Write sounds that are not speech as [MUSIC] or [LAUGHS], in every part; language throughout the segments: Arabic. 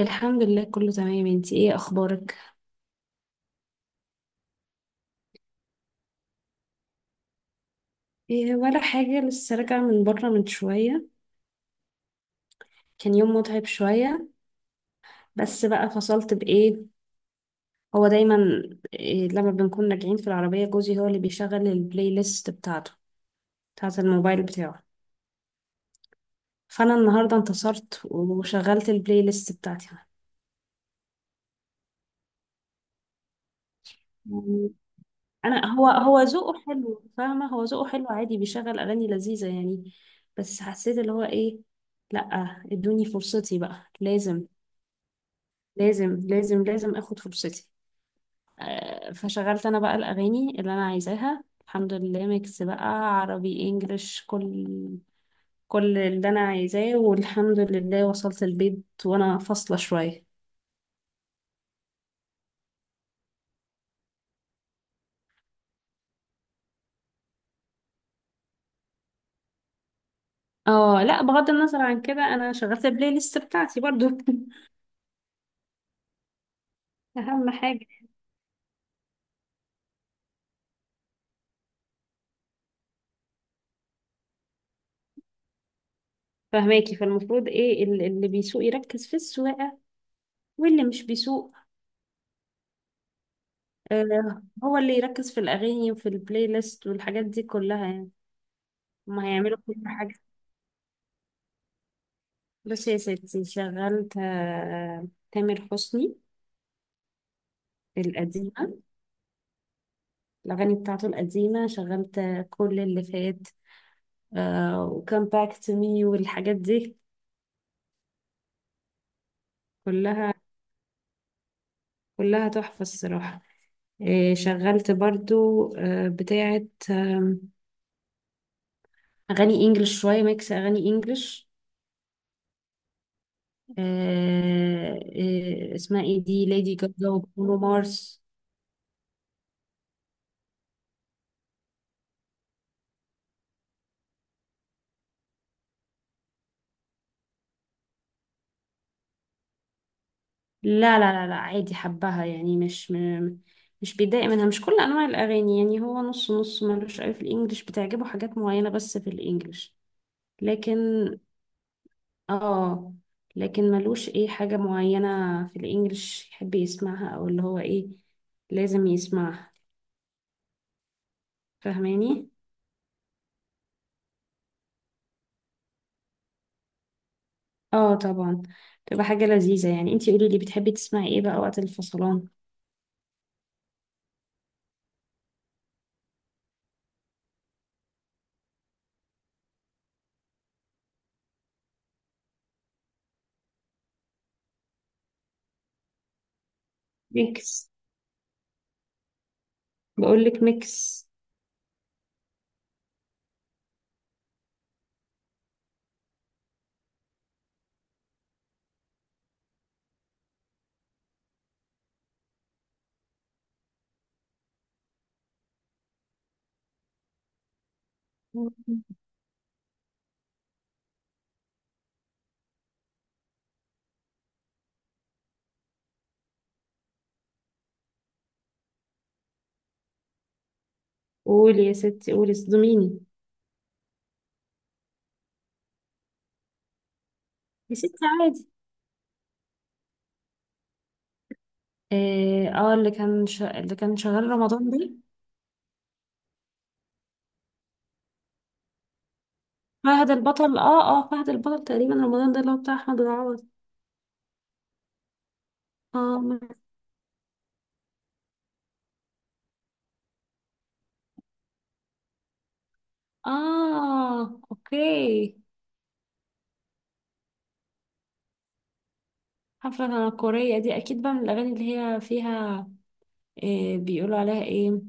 الحمد لله كله تمام، انتي ايه اخبارك؟ إيه ولا حاجة، لسه راجعة من بره من شوية. كان يوم متعب شوية، بس بقى فصلت بايه. هو دايما، إيه، لما بنكون راجعين في العربية جوزي هو اللي بيشغل البلاي ليست بتاعته، بتاعت الموبايل بتاعه. فانا النهاردة انتصرت وشغلت البلاي ليست بتاعتي. يعني انا هو ذوقه حلو، فاهمة؟ هو ذوقه حلو عادي، بيشغل اغاني لذيذة يعني. بس حسيت اللي هو ايه، لأ، ادوني فرصتي بقى، لازم لازم لازم اخد فرصتي. فشغلت انا بقى الاغاني اللي انا عايزاها، الحمد لله. ميكس بقى، عربي انجلش، كل اللي انا عايزاه، والحمد لله وصلت البيت وانا فاصله شويه. اه لا، بغض النظر عن كده، انا شغلت البلاي ليست بتاعتي برضو. [LAUGHS] اهم حاجه. فهماكي؟ فالمفروض ايه، اللي بيسوق يركز في السواقه، واللي مش بيسوق، آه، هو اللي يركز في الاغاني وفي البلاي ليست والحاجات دي كلها يعني. ما هيعملوا كل حاجه. بصي يا ستي، شغلت تامر حسني، القديمة. الأغاني بتاعته القديمة، شغلت كل اللي فات، وكم باك تو مي والحاجات دي. كلها، تحفة الصراحة. شغلت برضو آه، بتاعة آم، أغاني إنجلش، شوية ميكس أغاني إنجلش. اسمها إيه دي، ليدي جاجا وبرونو مارس. لا لا لا لا، عادي، حبها يعني. مش بيتضايق منها. مش كل انواع الاغاني يعني، هو نص نص، ملوش قوي في الانجليش، بتعجبه حاجات معينة بس في الانجليش. لكن اه، لكن ملوش ايه، حاجة معينة في الانجليش يحب يسمعها، او اللي هو ايه، لازم يسمعها. فاهماني؟ اه طبعا، تبقى حاجة لذيذة يعني. انتي قولي لي، بتحبي تسمعي ايه بقى وقت الفصلان؟ ميكس. بقول لك ميكس. قولي يا ستي، قولي، صدميني. يا ستي، عادي. اه، اللي اللي كان شغال رمضان ده، فهد البطل. اه اه، فهد البطل تقريبا رمضان ده، اللي هو بتاع احمد العوض. اه م- اه اوكي. حفلة تنكرية دي اكيد بقى من الاغاني اللي هي فيها، إيه بيقولوا عليها ايه،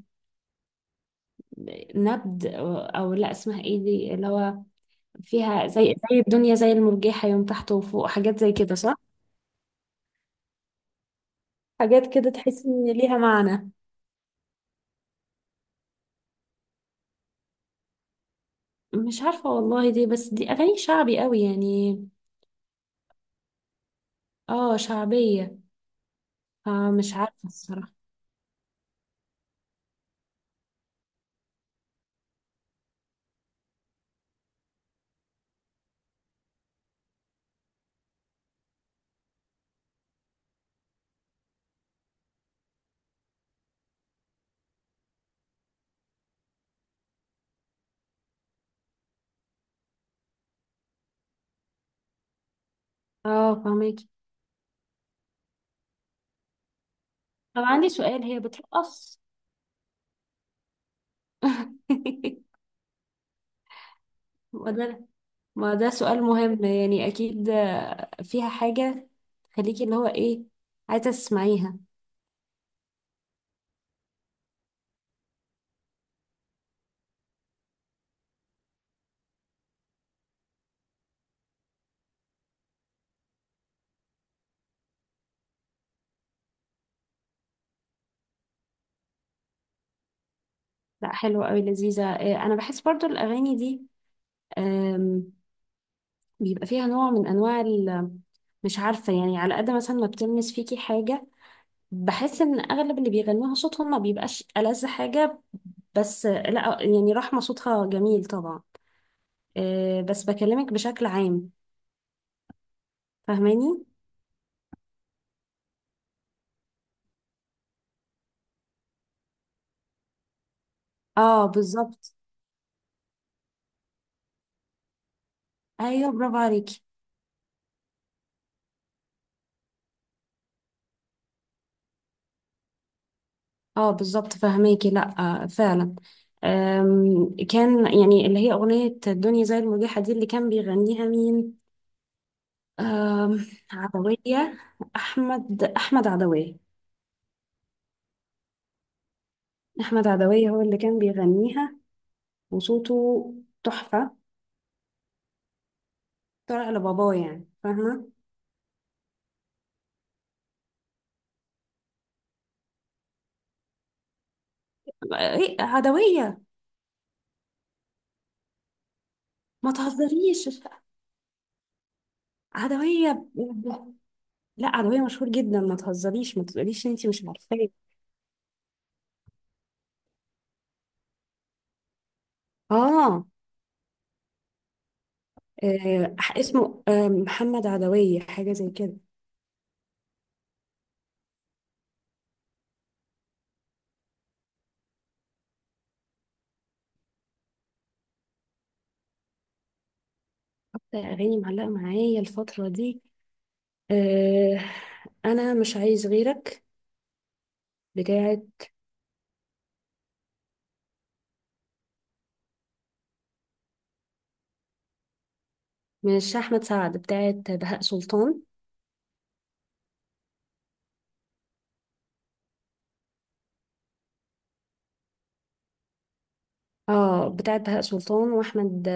نبد او أو لا، اسمها ايه دي اللي هو فيها زي، زي الدنيا زي المرجحة، يوم تحت وفوق، حاجات زي كده، صح؟ حاجات كده تحس ان ليها معنى. مش عارفة والله، دي بس دي اغاني شعبي قوي يعني. اه شعبية، فمش عارفة الصراحة. اه فهميكي. طب عندي سؤال، هي بترقص؟ [LAUGHS] ما ده ما ده سؤال مهم يعني. أكيد فيها حاجة تخليكي اللي هو إيه، عايزة تسمعيها. لا حلوة أوي، لذيذة. أنا بحس برضو الأغاني دي، آم، بيبقى فيها نوع من أنواع مش عارفة يعني، على قد مثلا ما بتلمس فيكي حاجة، بحس إن أغلب اللي بيغنوها صوتهم ما بيبقاش ألذ حاجة. بس لا يعني، رحمة صوتها جميل طبعا، بس بكلمك بشكل عام. فاهماني اه، بالظبط. ايوه برافو عليكي. اه بالظبط، فاهماكي. لا آه فعلا. كان يعني اللي هي اغنيه الدنيا زي المريحه دي، اللي كان بيغنيها مين، آم، عدويه. احمد عدويه. احمد عدويه هو اللي كان بيغنيها. وصوته تحفه. طلع لباباه يعني، فاهمه؟ إيه، عدويه. ما تهزريش، عدويه. لا عربية، مشهور جدا، ما تهزريش، ما تقوليش ان انتي مش عارفاه. اه اسمه محمد عدوية حاجة زي كده. اكتر اغاني معلقة معايا الفترة دي، آه، انا مش عايز غيرك، بتاعت، مش احمد سعد، بتاعت بهاء سلطان. اه، بتاعت بهاء سلطان واحمد،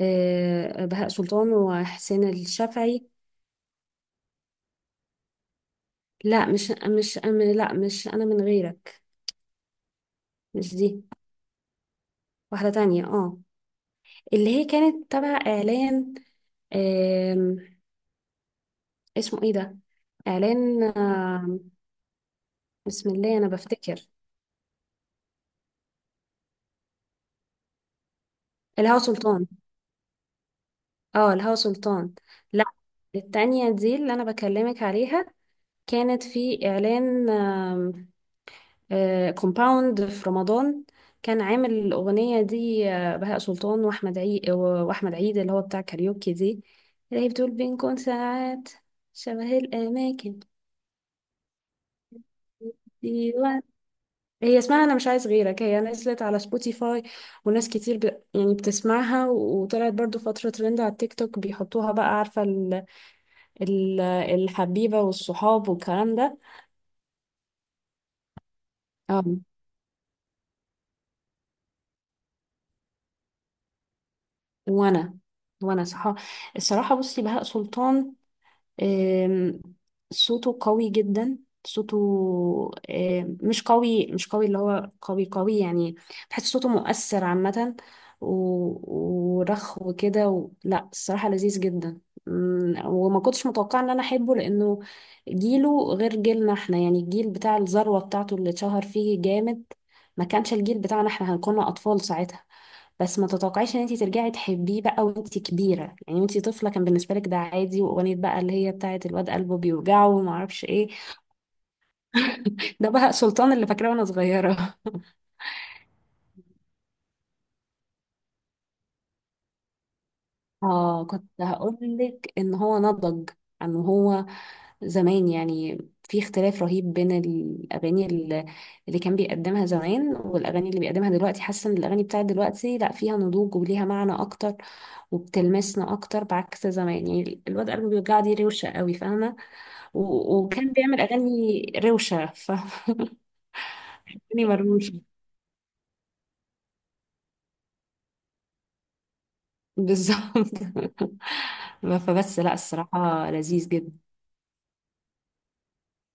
بهاء سلطان وحسين الشافعي. لا مش مش أم- لا مش انا من غيرك. مش دي، واحدة تانية، اه. اللي هي كانت تبع اعلان، آم، اسمه ايه ده، اعلان بسم الله انا بفتكر. الهوا سلطان. اه الهوا سلطان. لا، التانية دي اللي انا بكلمك عليها كانت في اعلان كومباوند في رمضان. كان عامل الاغنية دي بهاء سلطان واحمد عيد، اللي هو بتاع كاريوكي دي، اللي هي بتقول بنكون ساعات شبه الاماكن. دي هي اسمها انا مش عايز غيرك. هي نزلت على سبوتيفاي، وناس كتير يعني بتسمعها، وطلعت برضو فترة ترند على التيك توك بيحطوها بقى، عارفة الحبيبة والصحاب والكلام ده. أم. وانا وانا صح. الصراحة بصي، بهاء سلطان آم، صوته قوي جدا. صوته مش قوي اللي هو قوي قوي يعني. بحس صوته مؤثر عامة، ورخو وكده لا الصراحة لذيذ جدا. وما كنتش متوقعة ان انا احبه، لانه جيله غير جيلنا احنا، يعني الجيل بتاع الذروة بتاعته اللي اتشهر فيه جامد ما كانش الجيل بتاعنا احنا، هنكون اطفال ساعتها. بس ما تتوقعيش ان انت ترجعي تحبيه بقى وانت كبيره، يعني وانت طفله كان بالنسبه لك ده عادي، واغنيه بقى اللي هي بتاعه الواد قلبه بيوجعه وما اعرفش ايه. [LAUGHS] ده بقى سلطان اللي فاكراه وانا صغيره. اه كنت هقولك ان هو نضج عن هو زمان يعني. في اختلاف رهيب بين الاغاني اللي كان بيقدمها زمان والاغاني اللي بيقدمها دلوقتي. حاسه ان الاغاني بتاعت دلوقتي لا فيها نضوج وليها معنى اكتر وبتلمسنا اكتر، بعكس زمان يعني الواد قلبه بيوجع دي روشه قوي، فاهمه؟ وكان بيعمل اغاني روشه، فاهماني؟ [LAUGHS] مرموشه، بالظبط. [LAUGHS] فبس لا، الصراحه لذيذ جدا.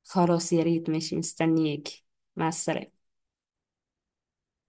خلاص، يا ريت. ماشي، مستنياكي. مع السلامة.